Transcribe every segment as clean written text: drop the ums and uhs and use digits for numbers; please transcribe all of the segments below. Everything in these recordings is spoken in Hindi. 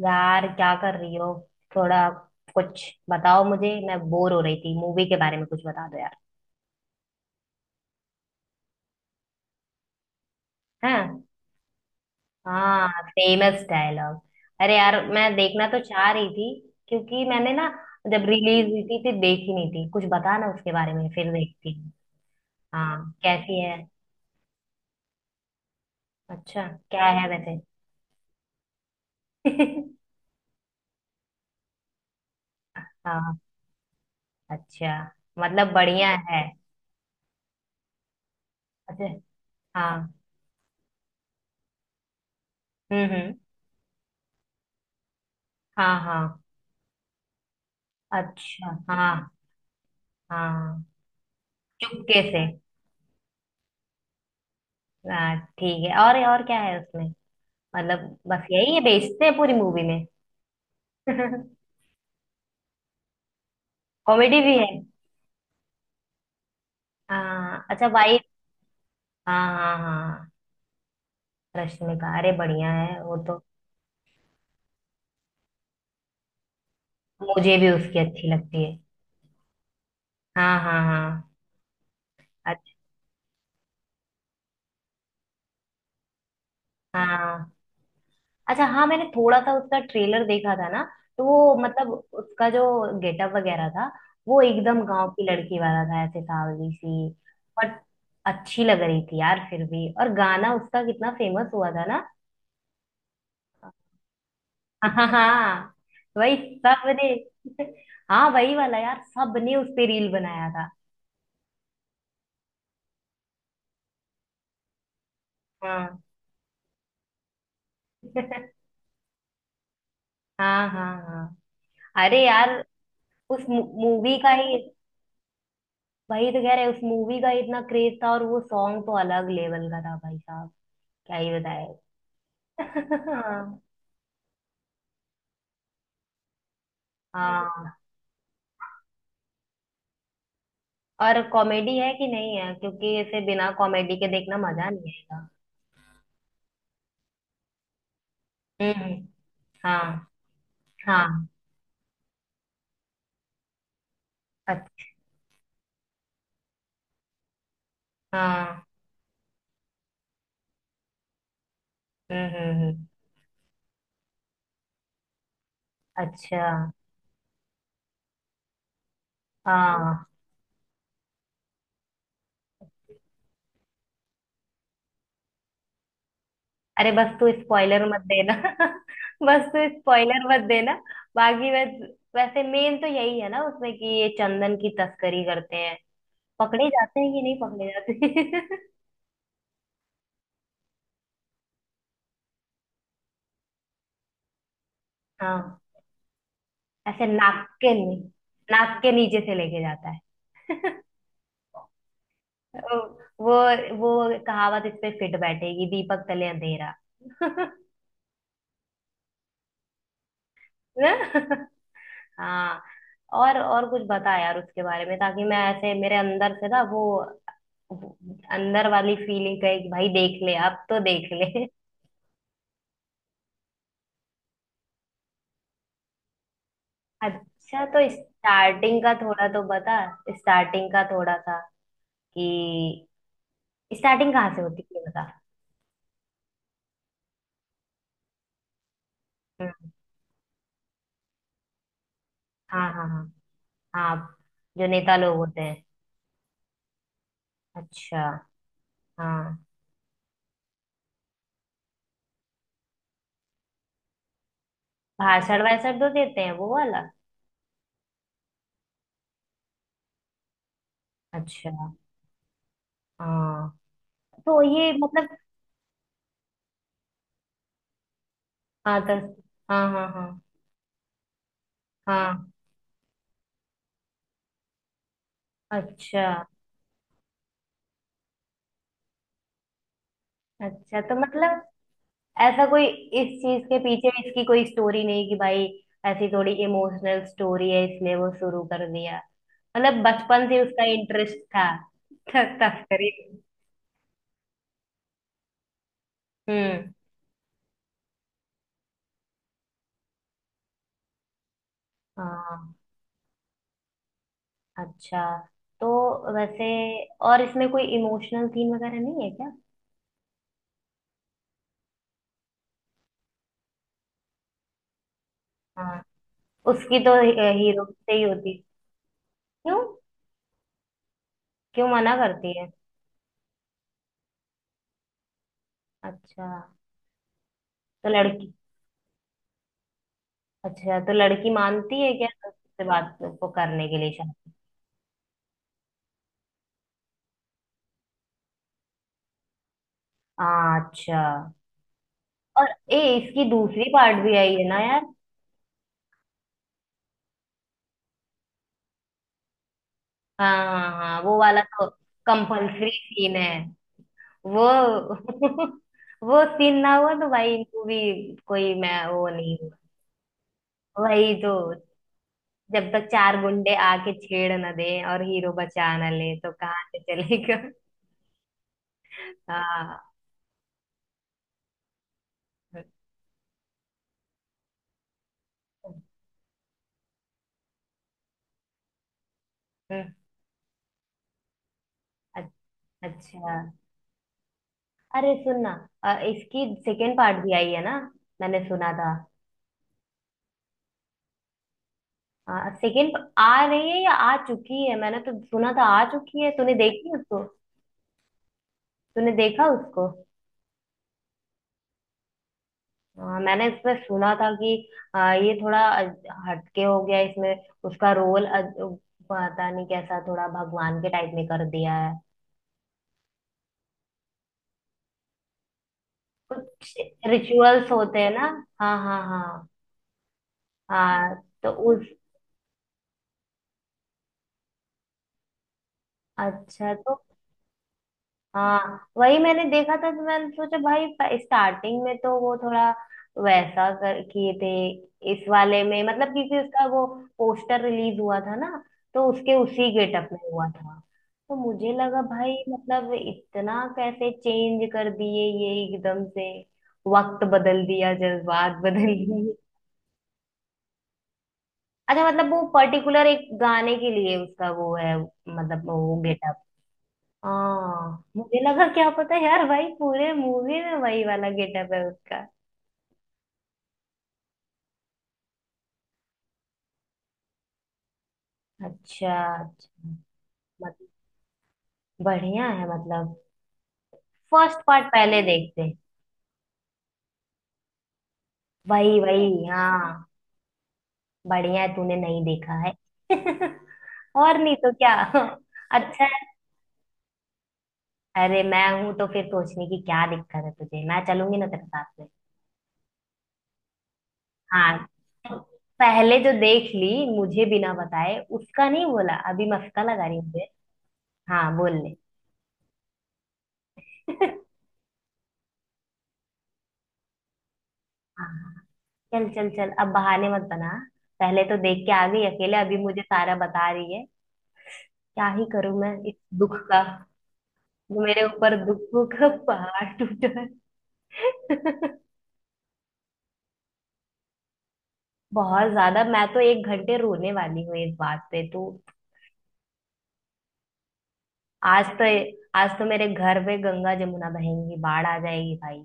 यार, क्या कर रही हो? थोड़ा कुछ बताओ मुझे। मैं बोर हो रही थी। मूवी के बारे में कुछ बता दो यार। हैं? हाँ, फेमस डायलॉग। अरे यार, मैं देखना तो चाह रही थी। क्योंकि मैंने ना, जब रिलीज हुई थी, फिर देखी नहीं थी। कुछ बता ना उसके बारे में, फिर देखती हूँ। हाँ, कैसी है? अच्छा, क्या है वैसे? हाँ। अच्छा, मतलब बढ़िया है। अच्छा। हाँ। हम्म। हाँ हाँ। अच्छा। हाँ हाँ। चुपके से। हाँ, ठीक है। और क्या है उसमें? मतलब, बस यही है, बेचते हैं पूरी मूवी में? कॉमेडी भी है? हाँ, अच्छा, वाइफ। हाँ हाँ हाँ। रश्मिका? अरे, बढ़िया है वो तो। मुझे भी उसकी अच्छी लगती है। हाँ हाँ हाँ। अच्छा। हाँ। अच्छा, हाँ, मैंने थोड़ा सा उसका ट्रेलर देखा था ना। तो वो मतलब, उसका जो गेटअप वगैरह था, वो एकदम गांव की लड़की वाला था, ऐसे सावली सी। बट अच्छी लग रही थी यार फिर भी। और गाना उसका कितना फेमस हुआ था ना। हाँ हाँ, वही। सबने। हाँ, वही वाला यार, सबने उस पे रील बनाया था। हाँ। हाँ हाँ हाँ। अरे यार, उस मूवी का ही। वही तो कह रहे, उस मूवी का ही इतना क्रेज था। और वो सॉन्ग तो अलग लेवल का था, भाई साहब। क्या ही बताए। हाँ हाँ। और कॉमेडी है कि नहीं है? क्योंकि इसे बिना कॉमेडी के देखना मजा नहीं आएगा। हम्म। हाँ। हाँ। अच्छा। हाँ। हम्म। अच्छा। हाँ। अरे बस, तू स्पॉइलर मत देना। बस, तू स्पॉइलर मत देना। बाकी वैसे, मेन तो यही है ना उसमें, कि ये चंदन की तस्करी करते हैं। पकड़े जाते हैं कि नहीं पकड़े जाते? हाँ। ऐसे नाक के नीचे से लेके जाता है। वो वो कहावत इस पे फिट बैठेगी, दीपक तले अंधेरा। ना? हाँ। और कुछ बता यार उसके बारे में, ताकि मैं ऐसे मेरे अंदर से ना वो, अंदर वाली फीलिंग का, एक भाई देख ले, अब तो देख ले। अच्छा, तो स्टार्टिंग का थोड़ा तो बता। स्टार्टिंग का थोड़ा सा। कि, स्टार्टिंग कहाँ से होती है, ये बता। हम्म। हाँ हाँ हाँ। हाँ, जो नेता लोग होते हैं। अच्छा। हाँ, भाषण वाषण तो देते हैं वो वाला। अच्छा। हाँ, तो ये मतलब। हाँ, तो। हाँ हाँ हाँ। हाँ। अच्छा। अच्छा, तो मतलब, ऐसा कोई इस चीज के पीछे इसकी कोई स्टोरी नहीं कि भाई, ऐसी थोड़ी इमोशनल स्टोरी है इसलिए वो शुरू कर दिया। मतलब बचपन से उसका इंटरेस्ट था, तस्करी। हम्म। हाँ। अच्छा तो, वैसे, और इसमें कोई इमोशनल सीन वगैरह नहीं है क्या? हाँ, उसकी तो हीरो से ही होती। क्यों? क्यों मना करती है? अच्छा, तो लड़की, अच्छा, तो लड़की मानती है क्या उससे बात को करने के लिए शायद? हाँ, अच्छा। और, ए, इसकी दूसरी पार्ट भी आई है ना यार? हाँ हाँ हाँ, वो वाला तो कंपल्सरी सीन है। वो वो सीन ना हुआ तो भाई, इनको भी कोई, मैं वो नहीं हुआ। वही तो। जब तक चार गुंडे आके छेड़ ना दे और हीरो बचा ना ले, तो कहाँ से चलेगा? हाँ। अ- अच्छा। अरे सुन ना, इसकी सेकेंड पार्ट भी आई है ना? मैंने सुना था। हाँ, सेकेंड आ रही है या आ चुकी है? मैंने तो सुना था आ चुकी है। तूने देखी उसको? तूने देखा उसको? हाँ, मैंने इसमें सुना था कि, ये थोड़ा हटके हो गया इसमें। उसका रोल पता नहीं कैसा, थोड़ा भगवान के टाइप में कर दिया है। कुछ रिचुअल्स होते हैं ना। हाँ हाँ हाँ। हाँ, तो उस, अच्छा, तो हाँ, वही मैंने देखा था, तो मैंने सोचा भाई, स्टार्टिंग में तो वो थोड़ा वैसा कर किए थे इस वाले में। मतलब क्योंकि उसका वो पोस्टर रिलीज हुआ था ना, तो उसके उसी गेटअप में हुआ था। तो मुझे लगा भाई, मतलब इतना कैसे चेंज कर दिए ये एकदम से। वक्त बदल दिया, जज्बात बदल दिए। अच्छा मतलब, वो पर्टिकुलर एक गाने के लिए उसका वो है, मतलब वो गेटअप। हाँ, मुझे लगा, क्या पता यार भाई पूरे मूवी में वही वाला गेटअप है उसका। अच्छा। अच्छा। मत, बढ़िया है मतलब। फर्स्ट पार्ट पहले देखते हैं। वही वही। हाँ। बढ़िया है, तूने नहीं देखा है। और नहीं तो क्या। अच्छा है। अरे मैं हूं तो फिर सोचने की क्या दिक्कत है तुझे? मैं चलूंगी ना तेरे साथ में। हाँ, पहले जो देख ली मुझे बिना बताए, उसका नहीं बोला, अभी मस्का लगा रही हूँ मुझे। हाँ, बोल ले। हाँ, चल चल चल, अब बहाने मत बना। पहले तो देख के आ गई अकेले, अभी मुझे सारा बता रही है। क्या ही करूं मैं इस दुख का। जो मेरे ऊपर दुखों का पहाड़ टूटा है। बहुत ज्यादा। मैं तो 1 घंटे रोने वाली हूँ इस बात पे तू। आज तो, आज तो मेरे घर पे गंगा जमुना बहेंगी, बाढ़ आ जाएगी भाई।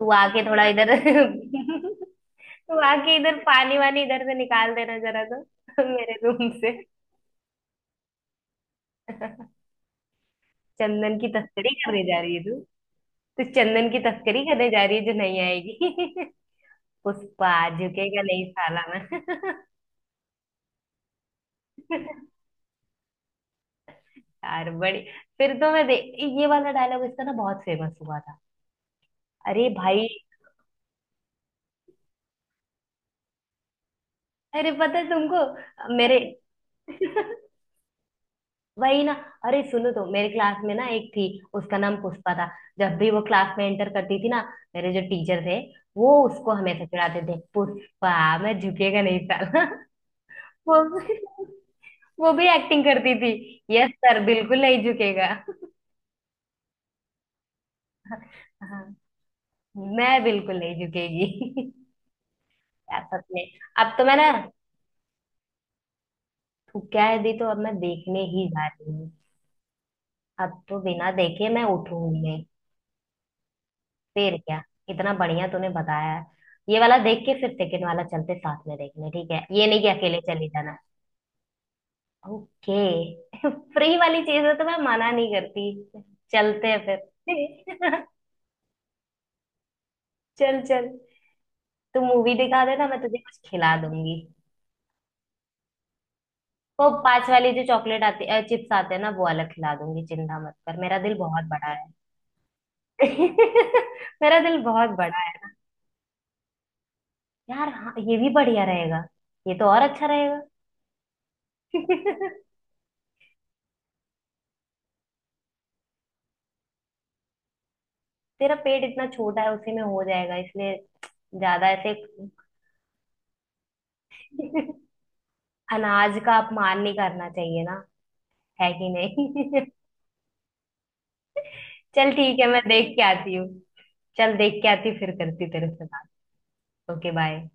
तू आके थोड़ा इधर, तू आके इधर पानी वानी इधर से निकाल देना जरा तो, मेरे रूम से। चंदन की तस्करी करने जा रही है? तो चंदन की तस्करी करने जा रही है, जो नहीं आएगी? पुष्पा झुकेगा नहीं साला मैं। यार, बड़ी, फिर तो मैं देख, ये वाला डायलॉग इसका ना बहुत फेमस हुआ था। अरे भाई। अरे पता है तुमको, मेरे वही ना। अरे सुनो तो, मेरे क्लास में ना एक थी, उसका नाम पुष्पा था। जब भी वो क्लास में एंटर करती थी ना, मेरे जो टीचर थे, वो उसको हमेशा चिढ़ाते थे, पुष्पा, मैं झुकेगा नहीं साला। वो भी, वो भी एक्टिंग करती थी। यस सर, बिल्कुल नहीं झुकेगा। हाँ, मैं बिल्कुल नहीं झुकेगी। यार सच में। अब तो मैं ना, क्या है दी, तो अब मैं देखने ही जा रही हूँ। अब तो बिना देखे मैं उठूंगी नहीं। फिर क्या, इतना बढ़िया तूने बताया है। ये वाला देख के फिर सेकंड वाला चलते साथ में देखने, ठीक है? ये नहीं कि अकेले चली जाना। ओके। फ्री वाली चीज है तो मैं मना नहीं करती। चलते हैं फिर। चल चल, तू मूवी दिखा देना, मैं तुझे कुछ खिला दूंगी। वो 5 वाली जो चॉकलेट आती है, चिप्स आते हैं ना, वो वाला खिला दूंगी। चिंता मत कर, मेरा दिल बहुत बड़ा है। मेरा दिल बहुत बड़ा है। यार हाँ, ये भी बढ़िया रहेगा। ये तो और अच्छा रहेगा। तेरा पेट इतना छोटा है उसी में हो जाएगा, इसलिए ज्यादा ऐसे। अनाज का अपमान नहीं करना चाहिए ना। है कि नहीं? चल ठीक है, मैं देख के आती हूँ। चल, देख के आती हूँ, फिर करती हूँ तेरे से बात। Okay bye.